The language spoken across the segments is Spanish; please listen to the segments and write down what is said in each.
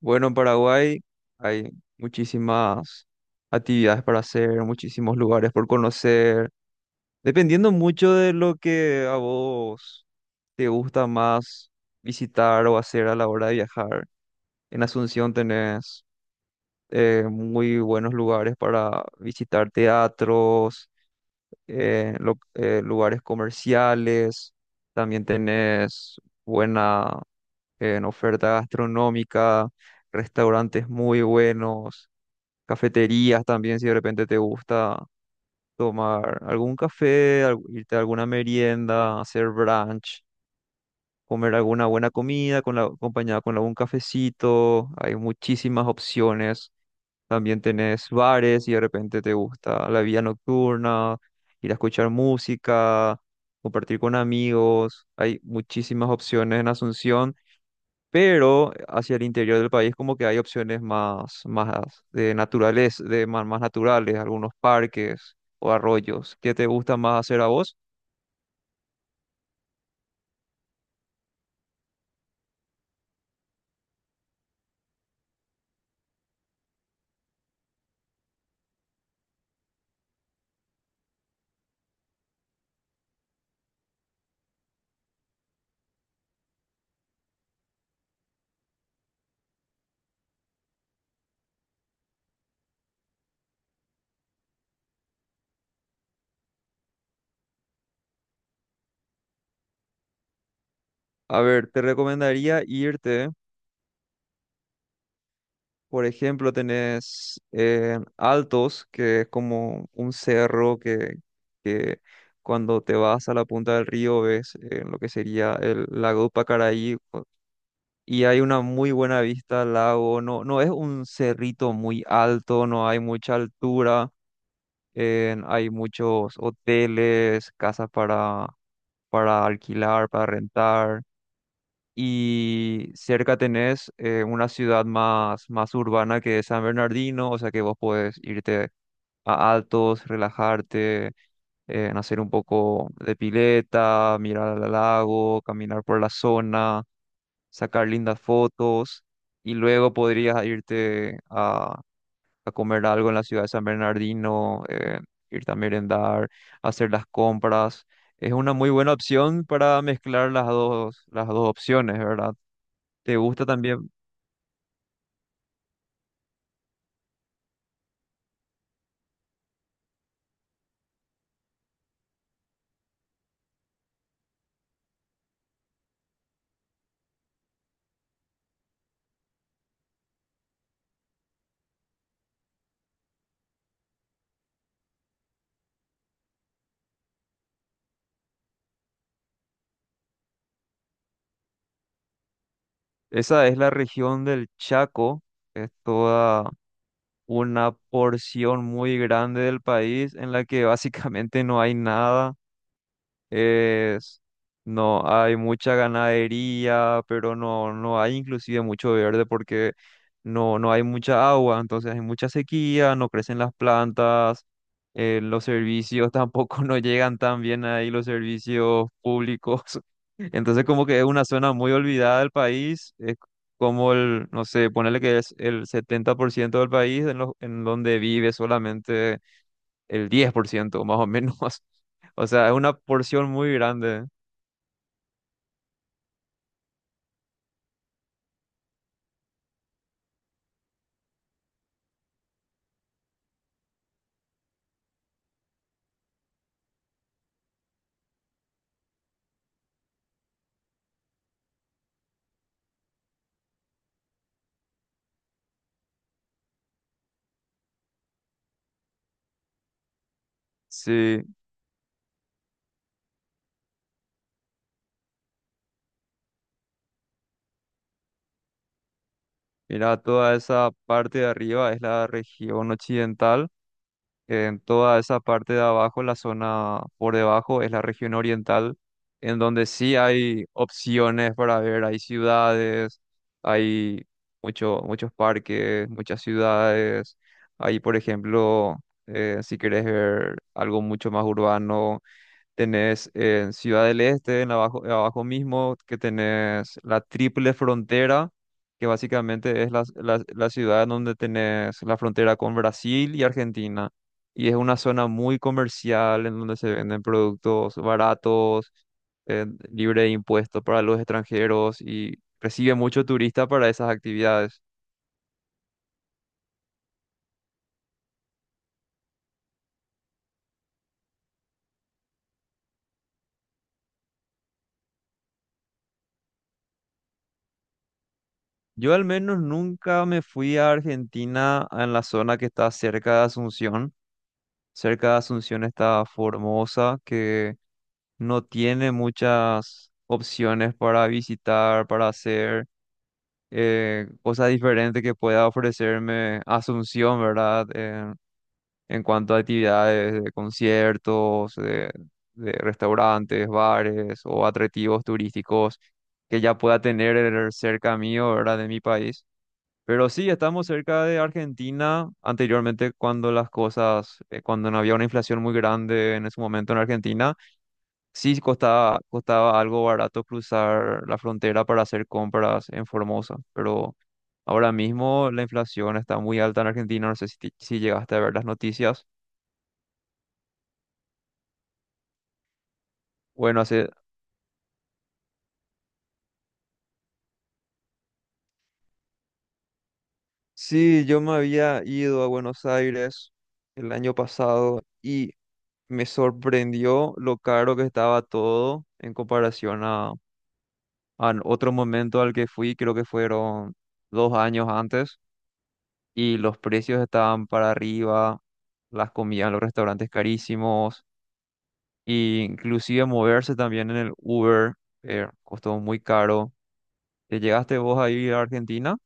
Bueno, en Paraguay hay muchísimas actividades para hacer, muchísimos lugares por conocer, dependiendo mucho de lo que a vos te gusta más visitar o hacer a la hora de viajar. En Asunción tenés muy buenos lugares para visitar teatros, lugares comerciales, también tenés buena en oferta gastronómica, restaurantes muy buenos. Cafeterías también, si de repente te gusta tomar algún café, irte a alguna merienda, hacer brunch, comer alguna buena comida con la, acompañada con algún cafecito. Hay muchísimas opciones. También tenés bares y de repente te gusta la vida nocturna, ir a escuchar música, compartir con amigos. Hay muchísimas opciones en Asunción, pero hacia el interior del país como que hay opciones más, más de naturales, de más, más naturales, algunos parques o arroyos. ¿Qué te gusta más hacer a vos? A ver, te recomendaría irte, por ejemplo, tenés en Altos, que es como un cerro que cuando te vas a la punta del río ves lo que sería el lago de Pacaraí, y hay una muy buena vista al lago, no, no es un cerrito muy alto, no hay mucha altura. Hay muchos hoteles, casas para alquilar, para rentar. Y cerca tenés una ciudad más, más urbana, que es San Bernardino, o sea que vos podés irte a Altos, relajarte, hacer un poco de pileta, mirar al lago, caminar por la zona, sacar lindas fotos. Y luego podrías irte a comer algo en la ciudad de San Bernardino, ir a merendar, hacer las compras. Es una muy buena opción para mezclar las dos opciones, ¿verdad? ¿Te gusta también? Esa es la región del Chaco, es toda una porción muy grande del país en la que básicamente no hay nada. Es, no hay mucha ganadería, pero no, no hay inclusive mucho verde porque no, no hay mucha agua, entonces hay mucha sequía, no crecen las plantas, los servicios tampoco no llegan tan bien ahí, los servicios públicos. Entonces como que es una zona muy olvidada del país, es como el, no sé, ponerle que es el 70% del país en, en donde vive solamente el 10% más o menos. O sea, es una porción muy grande. Sí, mira, toda esa parte de arriba es la región occidental, en toda esa parte de abajo, la zona por debajo es la región oriental, en donde sí hay opciones para ver, hay ciudades, hay mucho, muchos parques, muchas ciudades, hay, por ejemplo, si quieres ver algo mucho más urbano. Tenés en Ciudad del Este, en abajo, abajo mismo, que tenés la triple frontera, que básicamente es la ciudad en donde tenés la frontera con Brasil y Argentina. Y es una zona muy comercial en donde se venden productos baratos, libre de impuestos para los extranjeros, y recibe mucho turista para esas actividades. Yo al menos nunca me fui a Argentina en la zona que está cerca de Asunción. Cerca de Asunción está Formosa, que no tiene muchas opciones para visitar, para hacer cosas diferentes que pueda ofrecerme Asunción, ¿verdad? En cuanto a actividades de conciertos, de restaurantes, bares o atractivos turísticos que ya pueda tener cerca mío, ¿verdad? De mi país. Pero sí, estamos cerca de Argentina. Anteriormente, cuando las cosas, cuando no había una inflación muy grande en ese momento en Argentina, sí costaba, costaba algo barato cruzar la frontera para hacer compras en Formosa. Pero ahora mismo la inflación está muy alta en Argentina. No sé si, si llegaste a ver las noticias. Bueno, hace... Sí, yo me había ido a Buenos Aires el año pasado y me sorprendió lo caro que estaba todo en comparación a... Al otro momento al que fui, creo que fueron dos años antes, y los precios estaban para arriba, las comidas en los restaurantes carísimos, e inclusive moverse también en el Uber, costó muy caro. ¿Te llegaste vos a ir a Argentina?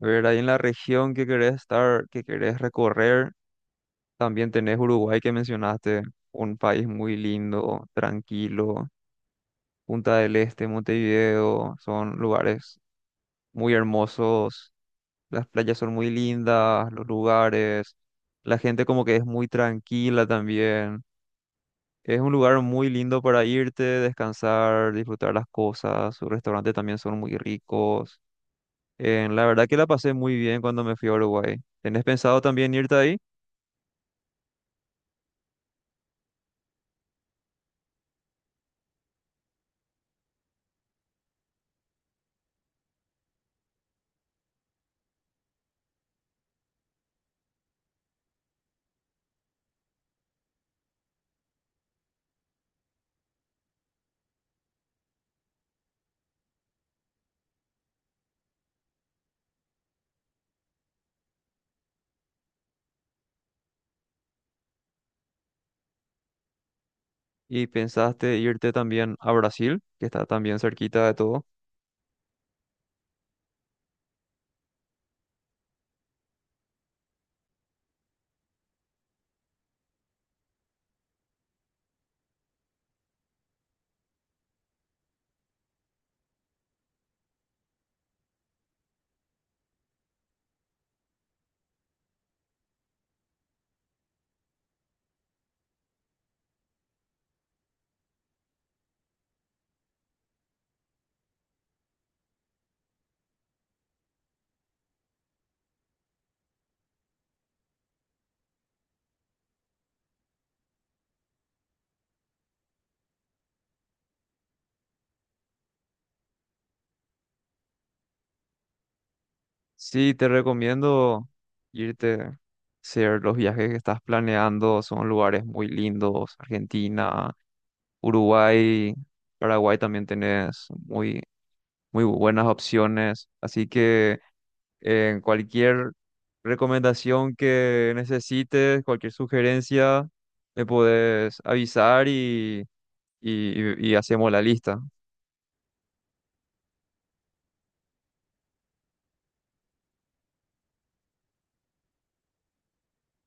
A ver, ahí en la región que querés estar, que querés recorrer, también tenés Uruguay que mencionaste, un país muy lindo, tranquilo. Punta del Este, Montevideo, son lugares muy hermosos. Las playas son muy lindas, los lugares, la gente como que es muy tranquila también. Es un lugar muy lindo para irte, descansar, disfrutar las cosas. Sus restaurantes también son muy ricos. La verdad que la pasé muy bien cuando me fui a Uruguay. ¿Tenés pensado también irte ahí? ¿Y pensaste irte también a Brasil, que está también cerquita de todo? Sí, te recomiendo irte, hacer los viajes que estás planeando. Son lugares muy lindos. Argentina, Uruguay, Paraguay, también tenés muy, muy buenas opciones. Así que en cualquier recomendación que necesites, cualquier sugerencia, me podés avisar y, y hacemos la lista.